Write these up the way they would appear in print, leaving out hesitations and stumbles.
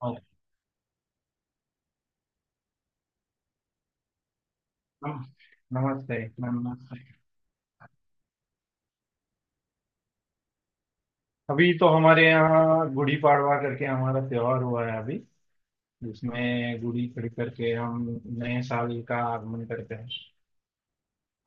और नम- नमस्ते। नमस्ते। अभी तो हमारे यहाँ गुड़ी पाड़वा करके हमारा त्योहार हुआ है अभी, जिसमें गुड़ी खड़ी करके हम नए साल का आगमन करते हैं।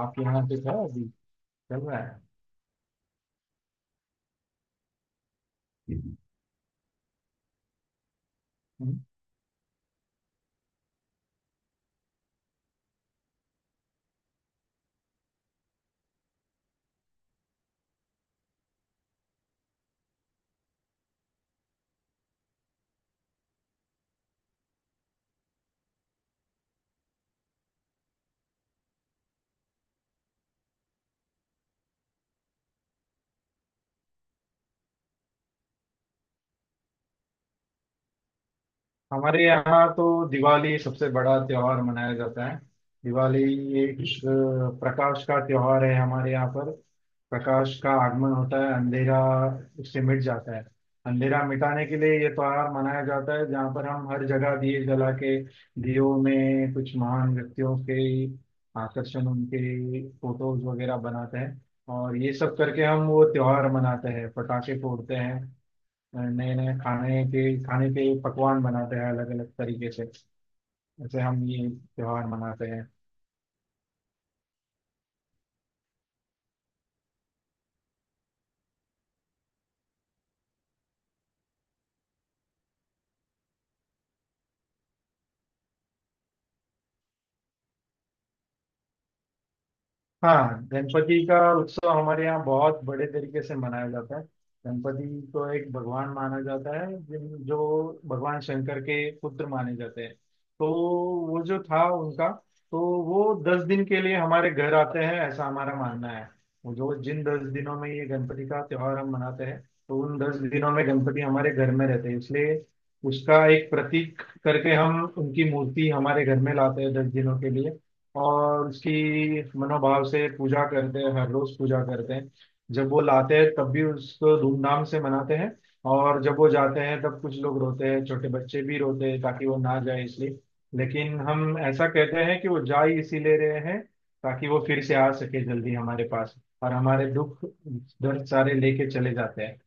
आपके यहाँ पे था अभी, चल रहा है? हमारे यहाँ तो दिवाली सबसे बड़ा त्योहार मनाया जाता है। दिवाली एक प्रकाश का त्योहार है हमारे यहाँ पर। प्रकाश का आगमन होता है, अंधेरा उससे मिट जाता है। अंधेरा मिटाने के लिए ये त्योहार मनाया जाता है, जहाँ पर हम हर जगह दिए जला के दियों में कुछ महान व्यक्तियों के आकर्षण, उनके फोटोज वगैरह बनाते हैं। और ये सब करके हम वो त्योहार मनाते हैं, पटाखे फोड़ते हैं, नए नए खाने के पकवान बनाते हैं अलग अलग तरीके से, जैसे हम ये त्योहार मनाते हैं। हाँ, गणपति का उत्सव हमारे यहाँ बहुत बड़े तरीके से मनाया जाता है। गणपति को एक भगवान माना जाता है जो भगवान शंकर के पुत्र माने जाते हैं। तो वो जो था उनका, तो वो 10 दिन के लिए हमारे घर आते हैं, ऐसा हमारा मानना है। वो जो जिन 10 दिनों में ये गणपति का त्योहार हम मनाते हैं, तो उन 10 दिनों में गणपति हमारे घर में रहते हैं, इसलिए उसका एक प्रतीक करके हम उनकी मूर्ति हमारे घर में लाते हैं 10 दिनों के लिए। और उसकी मनोभाव से पूजा करते हैं, हर रोज पूजा करते हैं। जब वो लाते हैं तब भी उसको धूमधाम से मनाते हैं, और जब वो जाते हैं तब कुछ लोग रोते हैं, छोटे बच्चे भी रोते हैं ताकि वो ना जाए इसलिए। लेकिन हम ऐसा कहते हैं कि वो जा ही इसीलिए रहे हैं, ताकि वो फिर से आ सके जल्दी हमारे पास, और हमारे दुख दर्द सारे लेके चले जाते हैं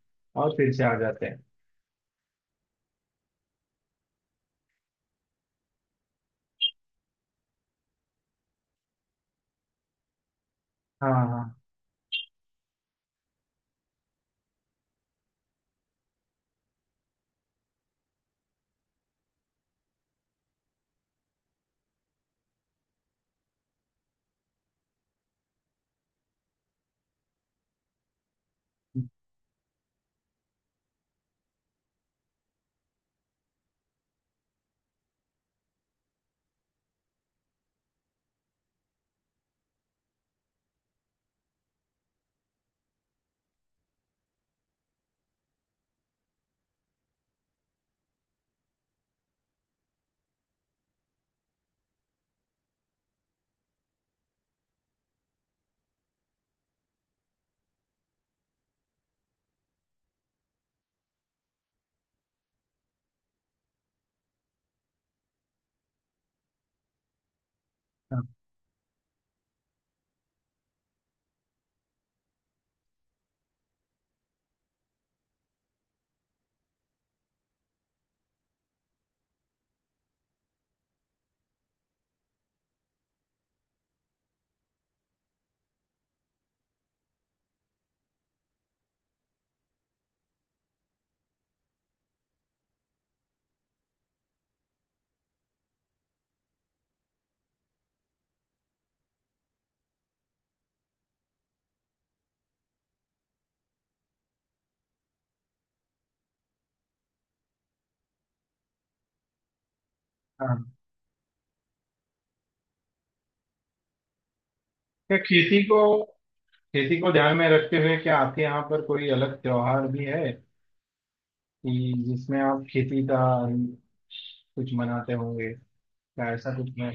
और फिर से आ जाते हैं। हाँ हाँ। हाँ हाँ। क्या खेती को ध्यान में रखते हुए क्या आपके यहाँ पर कोई अलग त्योहार भी है, कि जिसमें आप खेती का कुछ मनाते होंगे, क्या ऐसा कुछ है?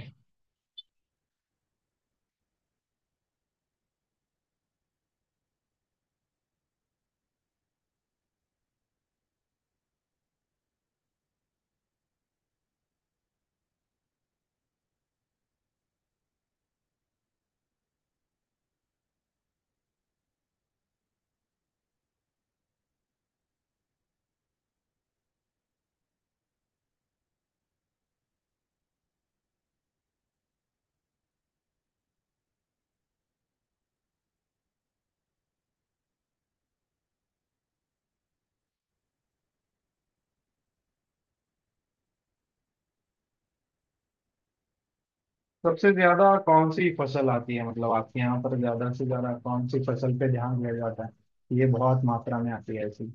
सबसे ज्यादा कौन सी फसल आती है, मतलब आपके यहाँ पर ज्यादा से ज्यादा कौन सी फसल पे ध्यान दिया जाता है? ये बहुत मात्रा में आती है ऐसी।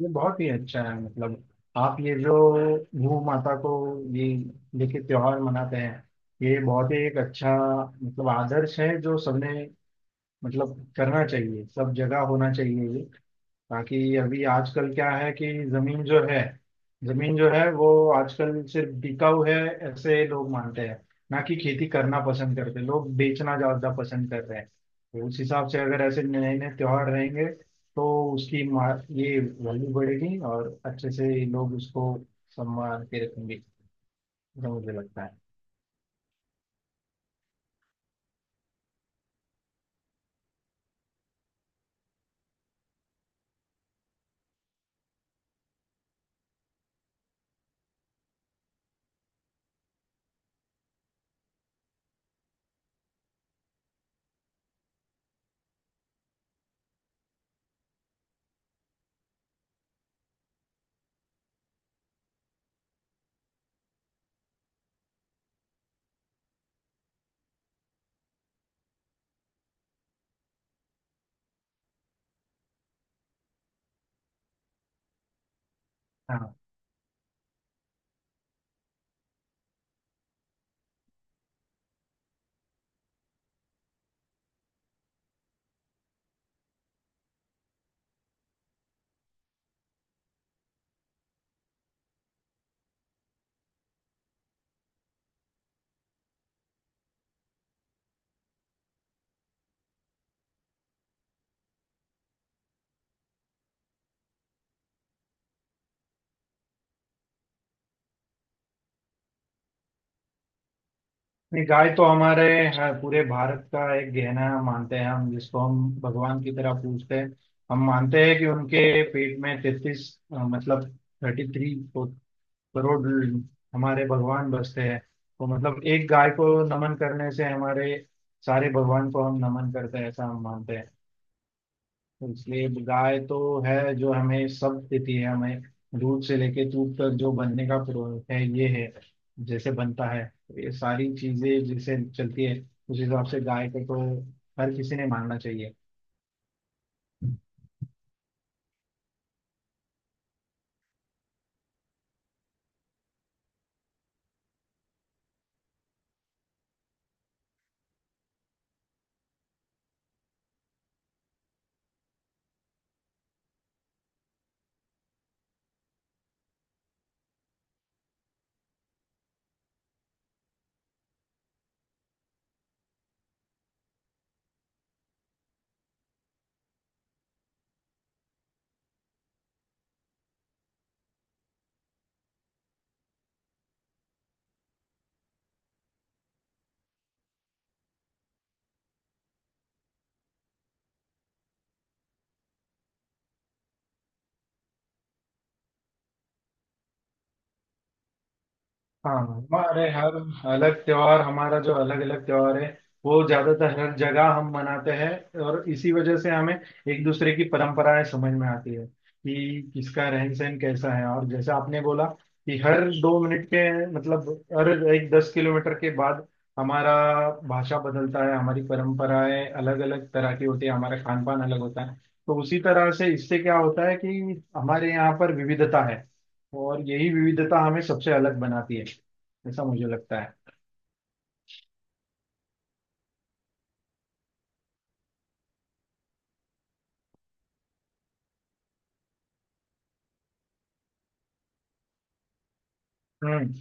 ये बहुत ही अच्छा है, मतलब आप ये जो भू माता को ये लेके त्योहार मनाते हैं, ये बहुत ही एक अच्छा मतलब आदर्श है, जो सबने मतलब करना चाहिए, सब जगह होना चाहिए ये, ताकि अभी आजकल क्या है कि जमीन जो है, जमीन जो है वो आजकल सिर्फ बिकाऊ है, ऐसे लोग मानते हैं। ना कि खेती करना पसंद करते, लोग बेचना ज्यादा पसंद कर रहे हैं, तो उस हिसाब से अगर ऐसे नए नए त्योहार रहेंगे तो उसकी ये वैल्यू बढ़ेगी और अच्छे से लोग उसको सम्मान के रखेंगे, ऐसा मुझे लगता है। हाँ। नहीं, गाय तो हमारे हाँ, पूरे भारत का एक गहना मानते हैं हम, जिसको हम भगवान की तरह पूजते हैं। हम मानते हैं कि उनके पेट में 33, मतलब 33 करोड़ हमारे भगवान बसते हैं। तो मतलब एक गाय को नमन करने से हमारे सारे भगवान को हम नमन करते हैं, ऐसा हम मानते हैं। इसलिए गाय तो है जो हमें सब देती है हमें, दूध से लेके दूध तक जो बनने का प्रो है ये है, जैसे बनता है, ये सारी चीजें जैसे चलती है, उस हिसाब से गाय को तो हर किसी ने मानना चाहिए। हाँ, हमारे हर अलग त्योहार, हमारा जो अलग अलग त्योहार है वो ज्यादातर हर जगह हम मनाते हैं, और इसी वजह से हमें एक दूसरे की परंपराएं समझ में आती है कि किसका रहन सहन कैसा है। और जैसे आपने बोला कि हर 2 मिनट के मतलब हर एक 10 किलोमीटर के बाद हमारा भाषा बदलता है, हमारी परंपराएं अलग अलग तरह की होती है, हमारा खान पान अलग होता है। तो उसी तरह से इससे क्या होता है कि हमारे यहाँ पर विविधता है, और यही विविधता हमें सबसे अलग बनाती है, ऐसा मुझे लगता है। हम्म।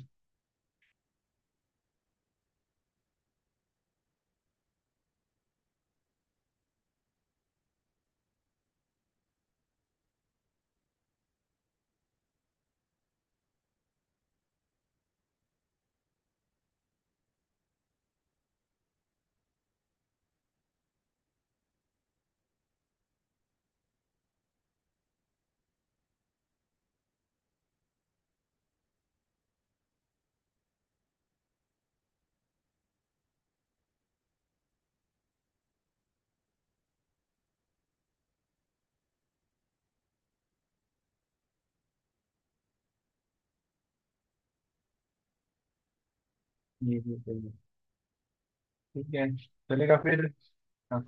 ये भी सही है। ठीक है, चलेगा फिर। हाँ,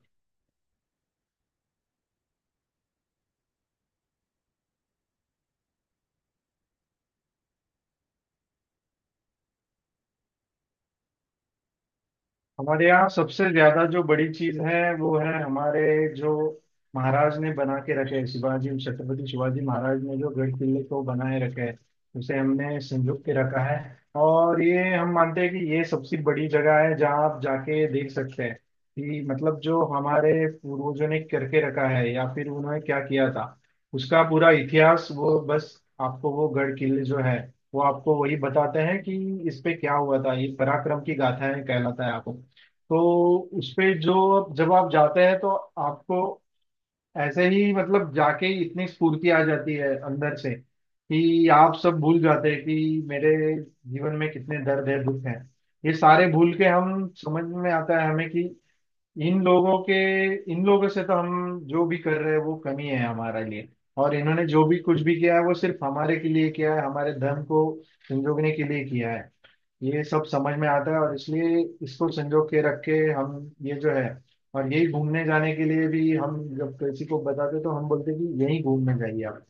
हमारे यहाँ सबसे ज्यादा जो बड़ी चीज है वो है हमारे जो महाराज ने बना के रखे हैं, शिवाजी, छत्रपति शिवाजी महाराज ने जो गढ़ किले को बनाए रखे है, उसे हमने संजो के रखा है। और ये हम मानते हैं कि ये सबसे बड़ी जगह है जहाँ आप जाके देख सकते हैं कि मतलब जो हमारे पूर्वजों ने करके रखा है या फिर उन्होंने क्या किया था, उसका पूरा इतिहास वो बस आपको वो गढ़ किले जो है वो आपको वही बताते हैं कि इस पे क्या हुआ था, ये पराक्रम की गाथाएं कहलाता है आपको। तो उसपे जो अब जब आप जाते हैं तो आपको ऐसे ही मतलब जाके ही इतनी स्फूर्ति आ जाती है अंदर से, कि आप सब भूल जाते हैं कि मेरे जीवन में कितने दर्द है दुख है, ये सारे भूल के हम समझ में आता है हमें कि इन लोगों के, इन लोगों से तो हम जो भी कर रहे हैं वो कमी है हमारे लिए। और इन्होंने जो भी कुछ भी किया है वो सिर्फ हमारे के लिए किया है, हमारे धर्म को संजोगने के लिए किया है, ये सब समझ में आता है। और इसलिए इसको संजो के रख के हम ये जो है, और यही घूमने जाने के लिए भी हम जब किसी को बताते तो हम बोलते कि यही घूमने जाइए आप।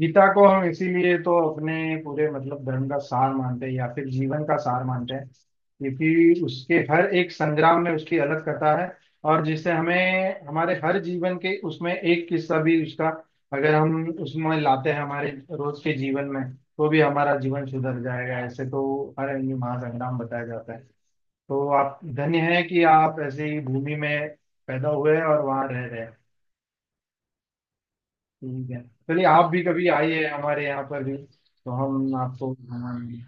गीता को हम इसीलिए तो अपने पूरे मतलब धर्म का सार मानते हैं या फिर जीवन का सार मानते हैं, क्योंकि उसके हर एक संग्राम में उसकी अलग कथा है, और जिससे हमें हमारे हर जीवन के उसमें एक किस्सा भी उसका अगर हम उसमें लाते हैं हमारे रोज के जीवन में, तो भी हमारा जीवन सुधर जाएगा। ऐसे तो हर हिंदू महासंग्राम बताया जाता है। तो आप धन्य है कि आप ऐसी भूमि में पैदा हुए और वहां रह रहे हैं। ठीक है, चलिए आप भी कभी आइए, हमारे यहाँ पर भी तो हम आपको घुमाएंगे।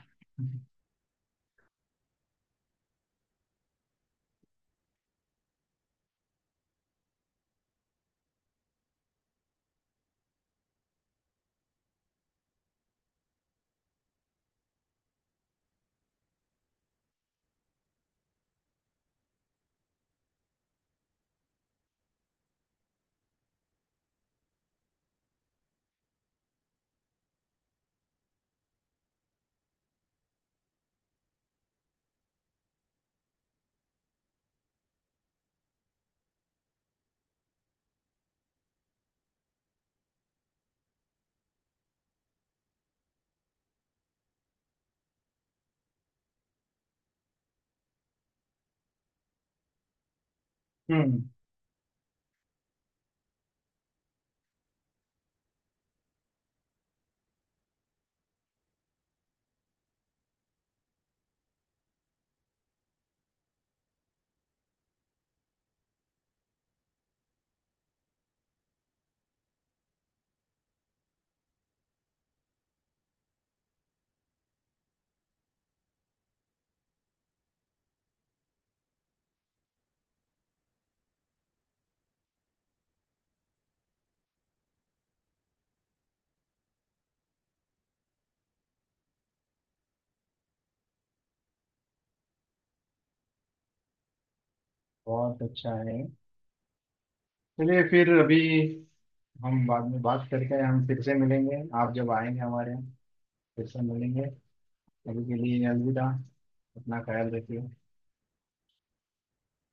हम्म। बहुत अच्छा है, चलिए फिर अभी हम बाद में बात करके हम फिर से मिलेंगे, आप जब आएंगे हमारे यहाँ फिर से मिलेंगे। अभी के लिए अलविदा, अपना ख्याल रखिए।